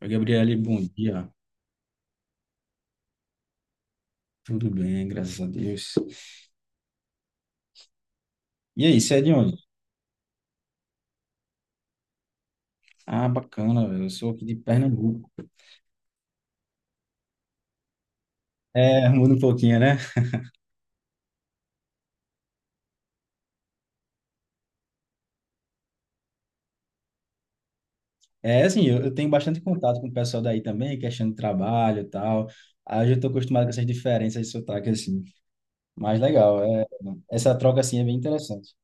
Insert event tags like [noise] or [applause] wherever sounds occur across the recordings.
Oi, Gabriele, bom dia. Tudo bem, graças a Deus. E aí, você é de onde? Ah, bacana, velho. Eu sou aqui de Pernambuco. É, muda um pouquinho, né? É, assim, eu tenho bastante contato com o pessoal daí também, questão de trabalho e tal. Aí eu já estou acostumado com essas diferenças de sotaque, assim. Mas legal, essa troca, assim, é bem interessante.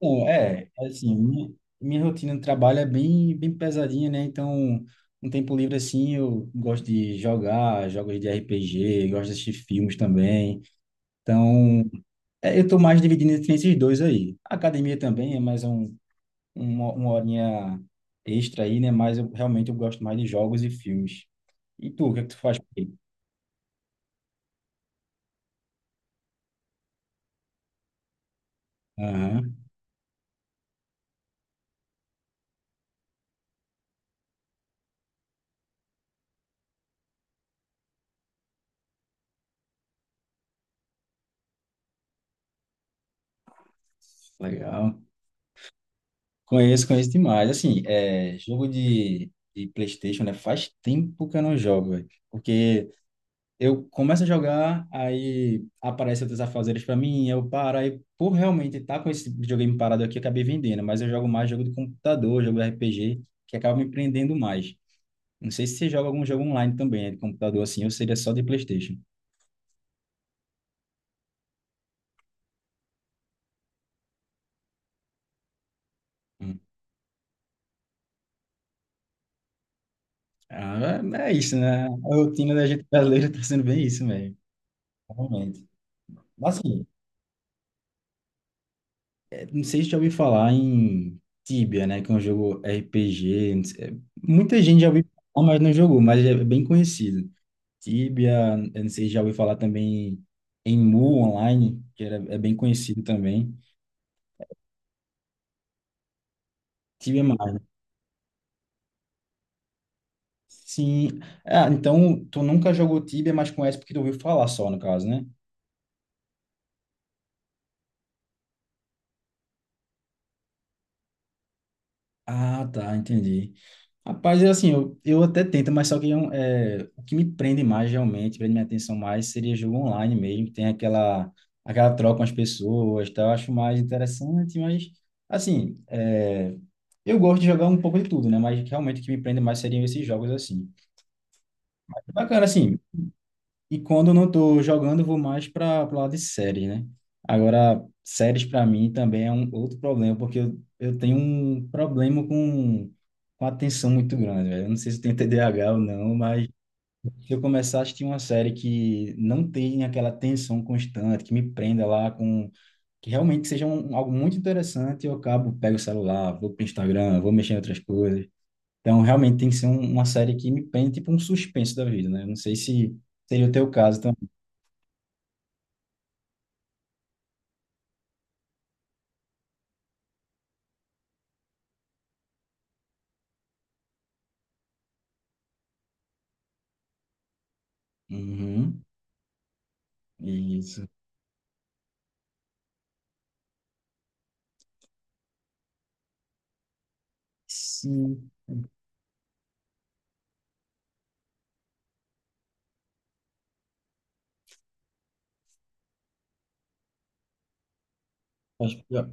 Bom, é, assim, minha rotina de trabalho é bem pesadinha, né? Então, um tempo livre, assim, eu gosto de jogar jogos de RPG, gosto de assistir filmes também. Então, eu estou mais dividindo entre esses dois aí. A academia também é mais um, uma horinha extra aí, né? Mas eu realmente eu gosto mais de jogos e filmes. E tu, o que é que tu faz por aí? Aham, legal. Conheço, conheço demais. Assim, é, jogo de PlayStation, né? Faz tempo que eu não jogo, velho. Porque eu começo a jogar, aí aparece outros afazeres para mim, eu paro, aí por realmente estar com esse videogame parado aqui, eu acabei vendendo, mas eu jogo mais jogo de computador, jogo de RPG, que acaba me prendendo mais. Não sei se você joga algum jogo online também, né, de computador assim, ou seria só de PlayStation. Hum. Ah, é isso, né? A rotina da gente brasileira tá sendo bem isso, velho. Realmente. Mas assim, é, não sei se já ouviu falar em Tibia, né? Que é um jogo RPG. Não sei- é, Muita gente já ouviu falar, mas não jogou, mas é bem conhecido. Tibia, eu não sei se já ouviu falar também em Mu Online, é bem conhecido também. Tibia é mais, né? Sim. Ah, então tu nunca jogou Tibia, mas conhece porque tu ouviu falar só, no caso, né? Ah, tá, entendi. Rapaz, é assim, eu até tento, mas só que é o que me prende mais realmente, prende minha atenção mais, seria jogo online mesmo, tem aquela troca com as pessoas, tá? Eu acho mais interessante, mas assim, é, eu gosto de jogar um pouco de tudo, né? Mas realmente o que me prende mais seriam esses jogos assim. Bacana, assim, e quando eu não estou jogando, eu vou mais para o lado de séries, né? Agora, séries para mim também é um outro problema, porque eu tenho um problema com atenção muito grande, velho. Eu não sei se tem TDAH ou não, mas se eu começar a assistir uma série que não tem aquela atenção constante, que me prenda lá com... Que realmente seja algo muito interessante, eu acabo, pego o celular, vou pro Instagram, vou mexer em outras coisas. Então, realmente tem que ser um- uma série que me prenda, tipo um suspense da vida, né? Eu não sei se seria o teu caso. Uhum, isso. Sim, acho que,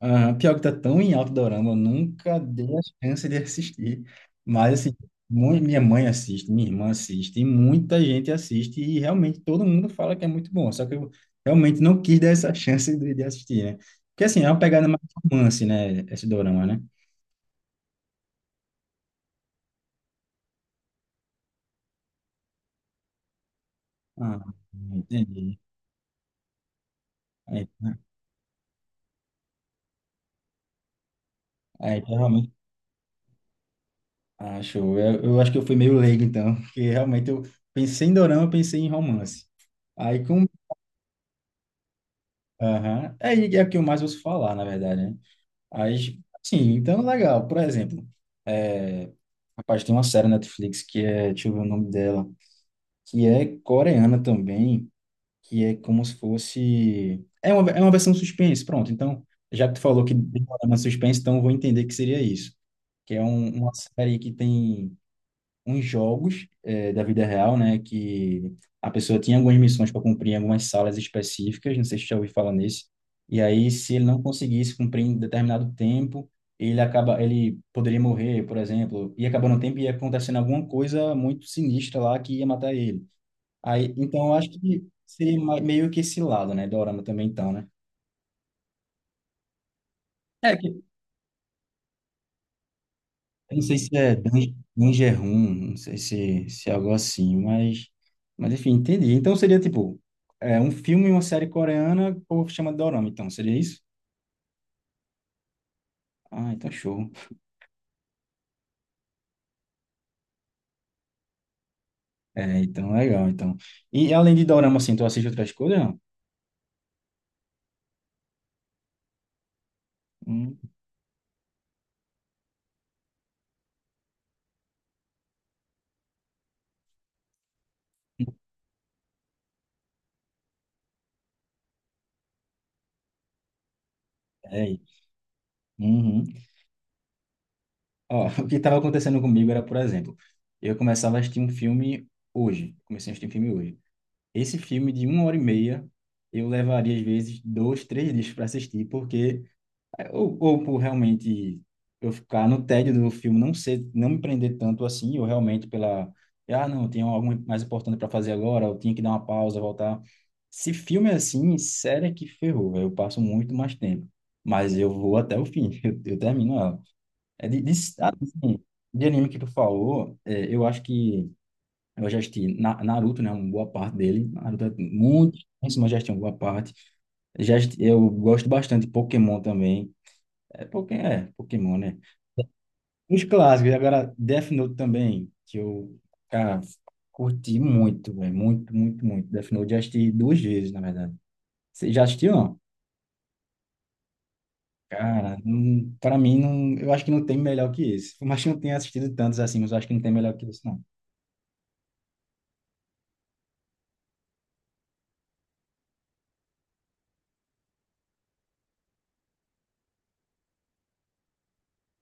ah, pior que tá tão em alto Dorama, eu nunca dei a chance de assistir. Mas, assim, mu- minha mãe assiste, minha irmã assiste, e muita gente assiste, e realmente todo mundo fala que é muito bom. Só que eu realmente não quis dar essa [laughs] chance de assistir, né? Porque, assim, é uma pegada mais romance, né? Esse Dorama, né? Ah, entendi. Aí, aí, Ah, show. Eu acho que eu fui meio leigo, então, porque realmente eu pensei em dorama, eu pensei em romance. Aí, com... Aham. Aí é o que eu mais ouço falar, na verdade, né? Aí, sim, então, legal. Por exemplo, é... rapaz, tem uma série na Netflix que é, deixa eu ver o nome dela, que é coreana também, que é como se fosse... é uma versão suspense, pronto. Então, já que tu falou que tem uma suspense, então eu vou entender que seria isso. Uma série que tem uns jogos da vida real, né? Que a pessoa tinha algumas missões para cumprir em algumas salas específicas, não sei se você já ouviu falar nesse. E aí, se ele não conseguisse cumprir em determinado tempo, ele acaba, ele poderia morrer, por exemplo, e acabando o tempo e ia acontecendo alguma coisa muito sinistra lá que ia matar ele. Aí, então, eu acho que seria ma- meio que esse lado, né? Dorama também, então, né? É, Eu não sei se é Dan- Danger Room, não sei se, se é algo assim, mas enfim, entendi. Então seria tipo, é, um filme e uma série coreana, o povo chama de dorama, então, seria isso? Ah, então show. É, então legal, então. E além de dorama, assim, tu assiste outras coisas, não? Hum, é Uhum. Ó, [laughs] o que estava acontecendo comigo era, por exemplo, eu começava a assistir um filme hoje, comecei a assistir um filme hoje. Esse filme de uma hora e meia, eu levaria às vezes dois, três dias para assistir, porque ou por realmente eu ficar no tédio do filme, não ser, não me prender tanto assim, ou realmente pela, ah, não, eu tenho algo mais importante para fazer agora, eu tinha que dar uma pausa, voltar. Se filme é assim, sério é que ferrou, velho, eu passo muito mais tempo. Mas eu vou até o fim, [laughs] eu termino ela. É de, de, assim, de anime que tu falou, é, eu acho que eu já assisti Na- Naruto, né, uma boa parte dele. Naruto é muito, mas já assisti uma boa parte. Já, assisti- eu gosto bastante de Pokémon também. Pokémon, né? Os clássicos. E agora Death Note também, que eu, cara, curti muito, velho. Muito, muito, muito. Death Note já assisti duas vezes, na verdade. Você já assistiu, não? Cara, não, pra mim, não, eu acho que não tem melhor que esse. Por mais que eu não tenha assistido tantos assim, mas eu acho que não tem melhor que esse, não.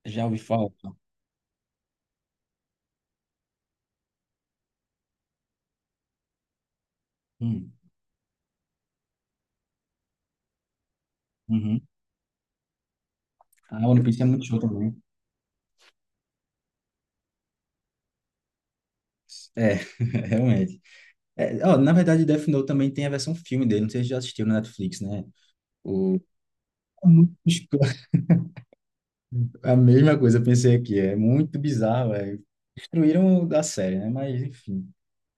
Já ouvi falar. Hum, uhum. A One Piece é muito show também. É, [laughs] realmente. Na verdade, Death Note também tem a versão filme dele. Não sei se você já assistiu na Netflix, né? O... A mesma coisa, eu pensei aqui, é muito bizarro, é. Destruíram da série, né? Mas, enfim,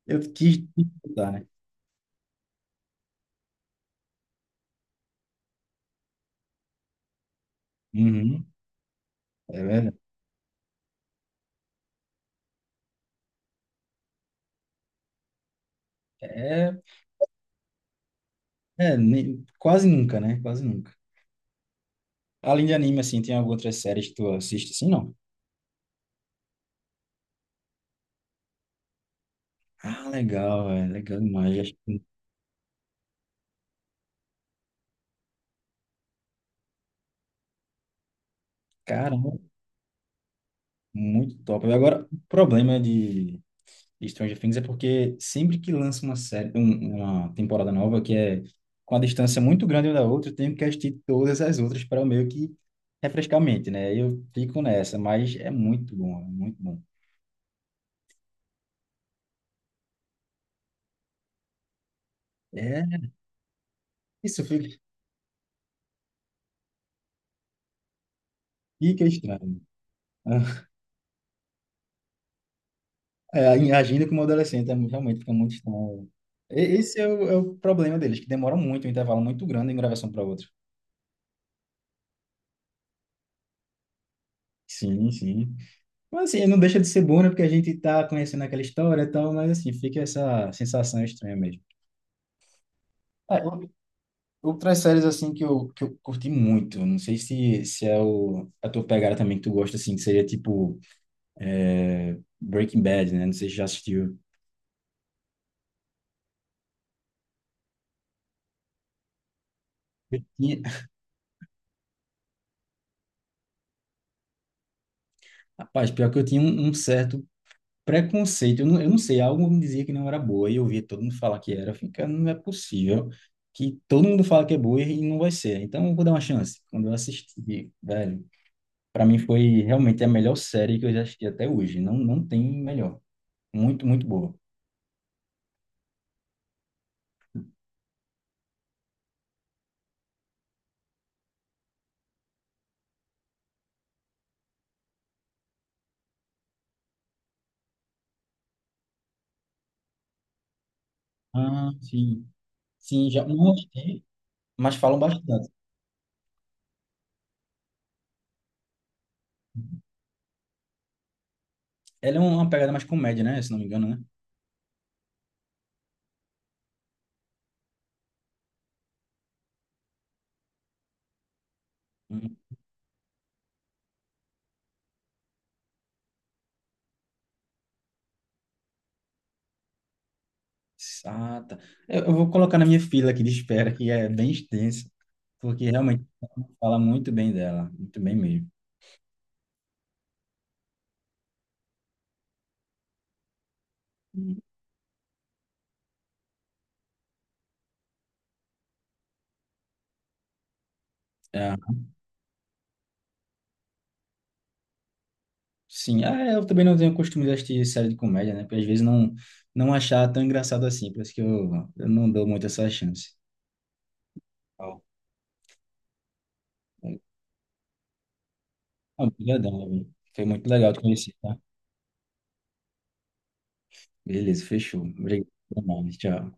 eu quis disputar, né? Uhum, é verdade. É, é, quase nunca, né? Quase nunca. Além de anime, assim, tem algumas outras séries que tu assiste, assim, não? Ah, legal, é legal demais. Caramba, muito top. Agora, o problema de Stranger Things é porque sempre que lança uma série, um- uma temporada nova que é com a distância muito grande uma da outra, eu tenho que assistir todas as outras para meio que refrescar a mente, né? Eu fico nessa, mas é muito bom, é muito bom. É isso, fica estranho. [laughs] É, agindo como adolescente, é, mu- realmente fica muito estranho. E- Esse é é o problema deles, que demora muito, um intervalo muito grande em gravação para outra. Sim, sim. Mas assim, não deixa de ser bom, né? Porque a gente tá conhecendo aquela história e tal, mas assim, fica essa sensação estranha mesmo. É, ou- outras séries assim que que eu curti muito, não sei se, se é a tua pegada também que tu gosta, assim, que seria tipo é, Breaking Bad, né? Não sei se já assistiu. Eu tinha, [laughs] rapaz, pior que eu tinha um certo preconceito, eu não sei, algo me dizia que não era boa, e eu via todo mundo falar que era, fica, não é possível que todo mundo fala que é boa e não vai ser, então eu vou dar uma chance. Quando eu assisti, velho, pra mim foi realmente a melhor série que eu já assisti até hoje, não, não tem melhor, muito, muito boa. Ah, sim. Sim, já não assisti, mas falam bastante. Ela é uma pegada mais comédia, né? Se não me engano, né? Hum, ah, tá. Eu vou colocar na minha fila aqui de espera, que é bem extensa, porque realmente fala muito bem dela, muito bem mesmo. Hum. É, sim, ah, é, eu também não tenho costume de assistir série de comédia, né? Porque às vezes não achar tão engraçado assim, por isso que eu não dou muito essa chance. Ó, é, Obrigadão, Davi. Foi muito legal te conhecer, tá? Beleza, fechou. Obrigado. Até mais, tchau.